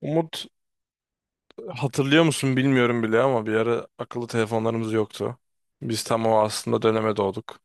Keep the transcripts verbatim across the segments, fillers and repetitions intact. Umut, hatırlıyor musun bilmiyorum bile ama bir ara akıllı telefonlarımız yoktu. Biz tam o aslında döneme doğduk.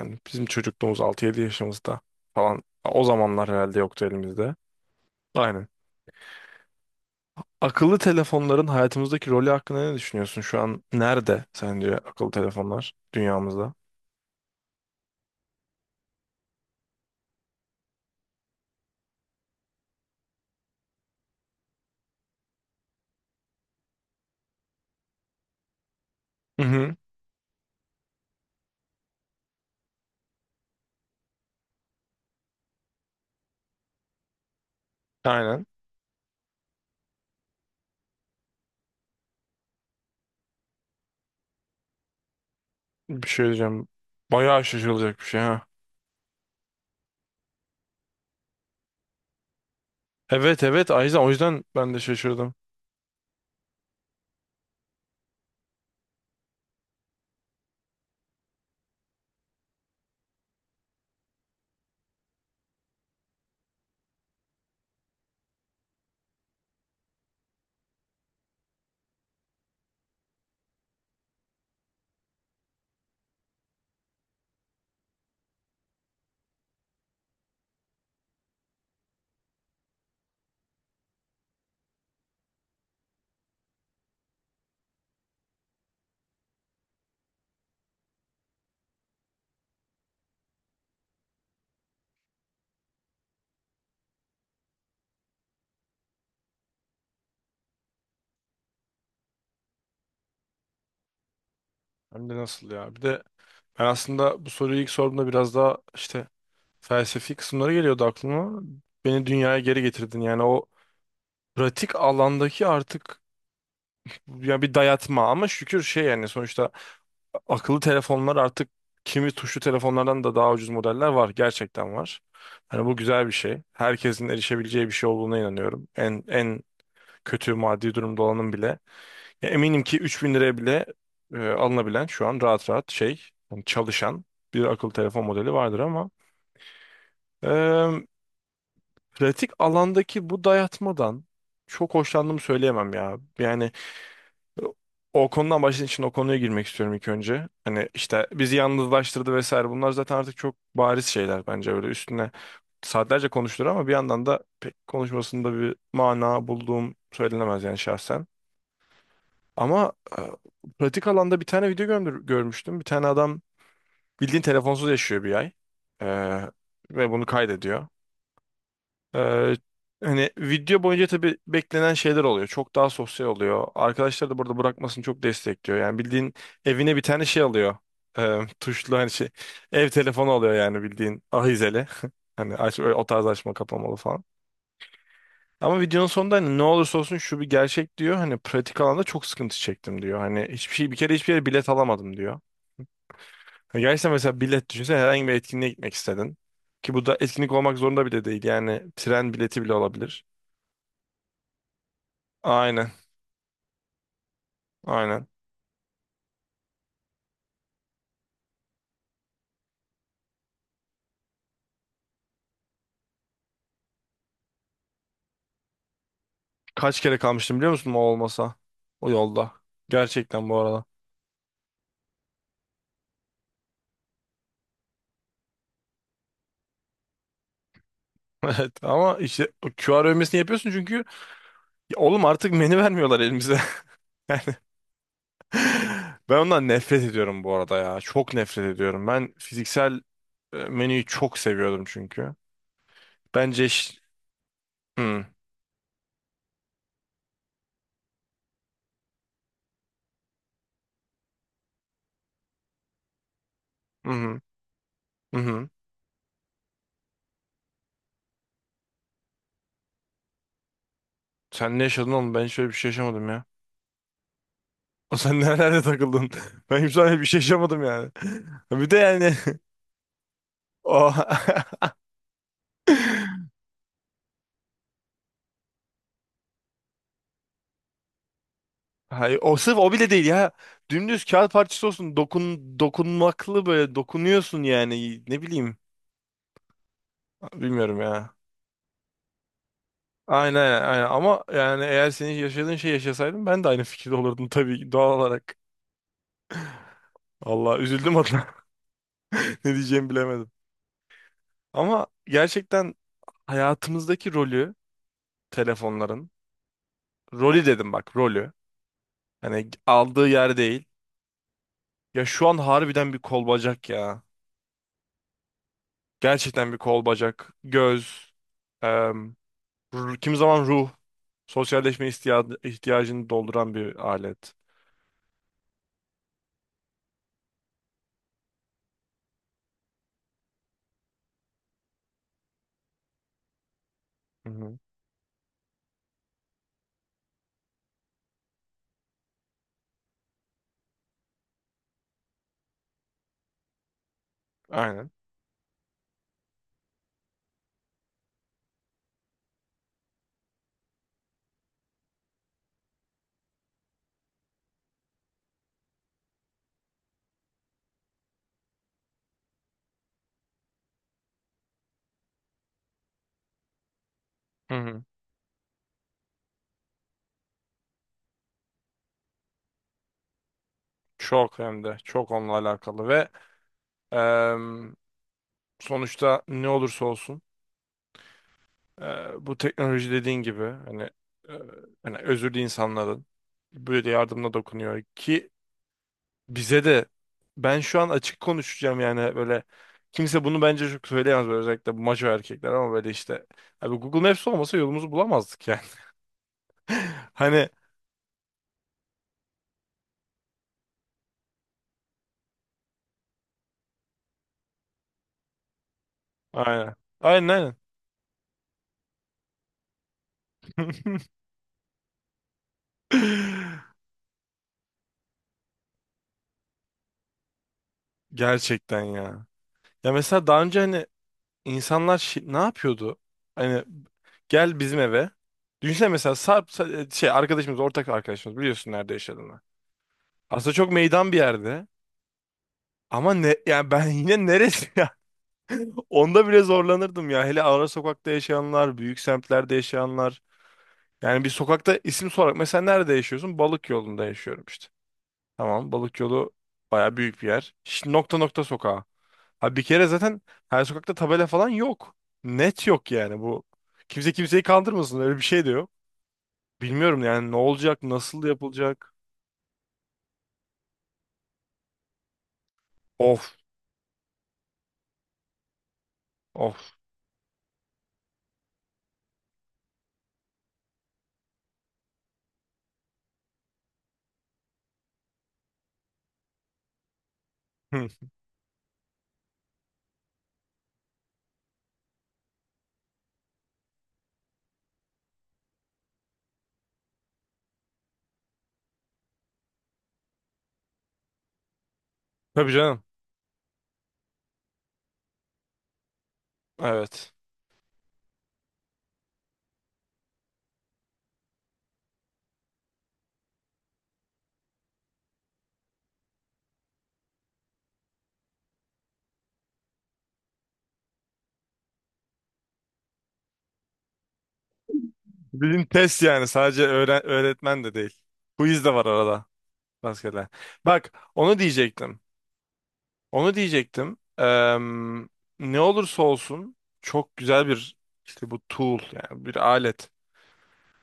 Yani bizim çocukluğumuz altı yedi yaşımızda falan. O zamanlar herhalde yoktu elimizde. Aynen. Akıllı telefonların hayatımızdaki rolü hakkında ne düşünüyorsun? Şu an nerede sence akıllı telefonlar dünyamızda? Hı hı. Aynen. Bir şey diyeceğim. Bayağı şaşırılacak bir şey, ha. Evet, evet, Ayza, o yüzden ben de şaşırdım. Hem de nasıl ya. Bir de ben aslında bu soruyu ilk sorduğumda biraz daha işte felsefi kısımları geliyordu aklıma. Beni dünyaya geri getirdin. Yani o pratik alandaki artık ya bir dayatma, ama şükür şey, yani sonuçta akıllı telefonlar artık kimi tuşlu telefonlardan da daha ucuz modeller var. Gerçekten var. Hani bu güzel bir şey. Herkesin erişebileceği bir şey olduğuna inanıyorum. En en kötü maddi durumda olanın bile. Ya eminim ki üç bin liraya bile e, alınabilen şu an rahat rahat şey, yani çalışan bir akıllı telefon modeli vardır, ama pratik alandaki bu dayatmadan çok hoşlandığımı söyleyemem ya. Yani o konudan başladığın için o konuya girmek istiyorum ilk önce. Hani işte bizi yalnızlaştırdı vesaire. Bunlar zaten artık çok bariz şeyler bence, öyle üstüne saatlerce konuşulur ama bir yandan da pek konuşmasında bir mana bulduğum söylenemez yani, şahsen. Ama e, pratik alanda bir tane video gömdür- görmüştüm. Bir tane adam bildiğin telefonsuz yaşıyor bir ay. E, Ve bunu kaydediyor. Ee, Hani video boyunca tabii beklenen şeyler oluyor. Çok daha sosyal oluyor. Arkadaşlar da burada bırakmasını çok destekliyor. Yani bildiğin evine bir tane şey alıyor. Ee, tuşlu hani şey. Ev telefonu alıyor yani bildiğin ahizeli. Hani aç, öyle o tarz açma kapamalı falan. Ama videonun sonunda hani ne olursa olsun şu bir gerçek, diyor. Hani pratik alanda çok sıkıntı çektim, diyor. Hani hiçbir şey, bir kere hiçbir yere bilet alamadım, diyor. Hani gerçekten, mesela bilet düşünsen herhangi bir etkinliğe gitmek istedin. Ki bu da etkinlik olmak zorunda bile değil. Yani tren bileti bile olabilir. Aynen. Aynen. Kaç kere kalmıştım biliyor musun o olmasa? O yolda. Gerçekten bu arada. Evet, ama işte o Q R övmesini yapıyorsun çünkü ya oğlum artık menü vermiyorlar elimize. Yani ben ondan nefret ediyorum bu arada ya. Çok nefret ediyorum. Ben fiziksel e, menüyü çok seviyordum çünkü. Bence iş... Hı hı. Hı hı. Sen ne yaşadın oğlum? Ben hiç öyle bir şey yaşamadım ya. O sen nerelerde takıldın? Ben hiç öyle bir şey yaşamadım yani. Bir de yani o Hayır, o sırf o bile değil ya. Dümdüz kağıt parçası olsun. Dokun, dokunmaklı böyle dokunuyorsun yani. Ne bileyim. Bilmiyorum ya. Aynen, aynen, ama yani eğer senin yaşadığın şey yaşasaydım ben de aynı fikirde olurdum tabii ki, doğal olarak. Allah, üzüldüm adına. Ne diyeceğimi bilemedim. Ama gerçekten hayatımızdaki rolü, telefonların rolü, dedim bak, rolü. Hani aldığı yer değil. Ya şu an harbiden bir kol bacak ya. Gerçekten bir kol bacak, göz, R- Kimi zaman ruh, sosyalleşme ihtiyacı, ihtiyacını dolduran bir alet. Hı hı. Aynen. Hı hı. Çok, hem de çok onunla alakalı. Ve em, sonuçta ne olursa olsun e, bu teknoloji dediğin gibi hani e, hani özürlü insanların böyle yardımına dokunuyor ki bize de. Ben şu an açık konuşacağım yani, böyle kimse bunu bence çok söyleyemez, böyle özellikle bu maço erkekler, ama böyle işte, abi, Google Maps olmasa yolumuzu bulamazdık yani. Hani aynen. Aynen, aynen. Gerçekten ya. Ya mesela daha önce hani insanlar şi- ne yapıyordu? Hani gel bizim eve. Düşünsene, mesela Sarp Sa- e, şey arkadaşımız, ortak arkadaşımız, biliyorsun nerede yaşadığını. Aslında çok meydan bir yerde. Ama ne yani, ben yine neresi? Onda bile zorlanırdım ya. Hele ara sokakta yaşayanlar, büyük semtlerde yaşayanlar. Yani bir sokakta isim sorarak, mesela, nerede yaşıyorsun? Balık yolunda yaşıyorum işte. Tamam, Balık yolu baya büyük bir yer. Şimdi nokta nokta sokağa. Ha, bir kere zaten her sokakta tabela falan yok. Net yok yani bu. Kimse kimseyi kandırmasın, öyle bir şey de yok. Bilmiyorum yani ne olacak, nasıl yapılacak. Of, of. Hı. Tabii canım. Evet. Bizim test yani sadece öğre- öğretmen de değil. Quiz de var arada. Maskeler. Bak, onu diyecektim. Onu diyecektim. Eee, ne olursa olsun çok güzel bir, işte bu tool yani bir alet.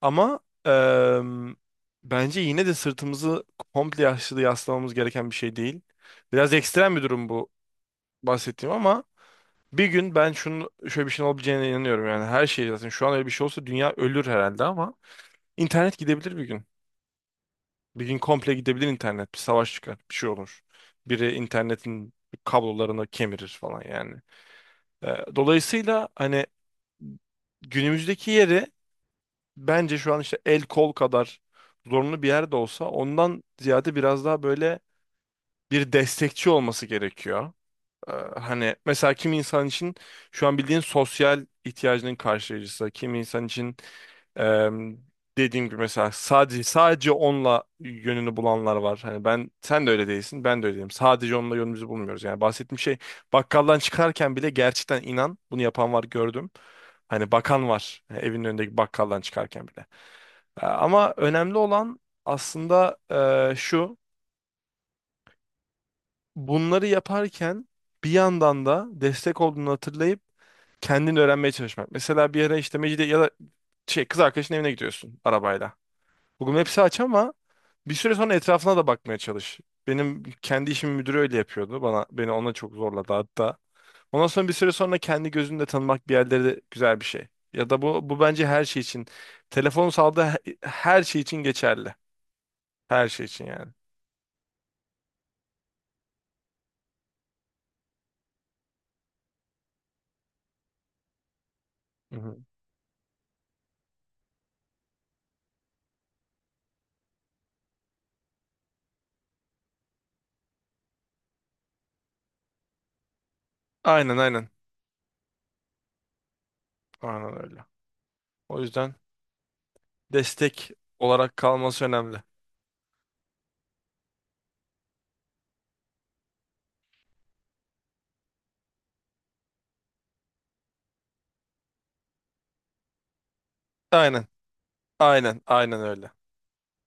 Ama eee, bence yine de sırtımızı komple yaşlı yaslamamız gereken bir şey değil. Biraz ekstrem bir durum bu bahsettiğim ama, bir gün ben şunun şöyle bir şeyin olabileceğine inanıyorum yani, her şey zaten şu an öyle bir şey olsa dünya ölür herhalde, ama internet gidebilir bir gün. Bir gün komple gidebilir internet. Bir savaş çıkar. Bir şey olur. Biri internetin kablolarını kemirir falan yani. Ee, dolayısıyla hani, günümüzdeki yeri bence şu an işte el kol kadar zorunlu bir yerde olsa ondan ziyade biraz daha böyle bir destekçi olması gerekiyor. Ee, Hani mesela kimi insan için şu an bildiğin sosyal ihtiyacının karşılayıcısı. Kimi insan için e, dediğim gibi mesela sadece sadece onunla yönünü bulanlar var. Hani ben, sen de öyle değilsin, ben de öyle değilim. Sadece onunla yönümüzü bulmuyoruz. Yani bahsettiğim şey, bakkaldan çıkarken bile gerçekten, inan bunu yapan var, gördüm. Hani bakan var e, evinin önündeki bakkaldan çıkarken bile. E, Ama önemli olan aslında e, şu, bunları yaparken bir yandan da destek olduğunu hatırlayıp kendini öğrenmeye çalışmak. Mesela bir ara işte Mecidiye ya da şey, kız arkadaşın evine gidiyorsun arabayla. Google Maps'i aç, ama bir süre sonra etrafına da bakmaya çalış. Benim kendi işim müdürü öyle yapıyordu. Bana beni ona çok zorladı hatta. Ondan sonra bir süre sonra kendi gözünle tanımak bir yerleri de güzel bir şey. Ya da bu bu bence her şey için. Telefon sağladığı he- her şey için geçerli. Her şey için yani. Hı hı. Aynen, aynen. Aynen öyle. O yüzden destek olarak kalması önemli. Aynen. Aynen. Aynen öyle.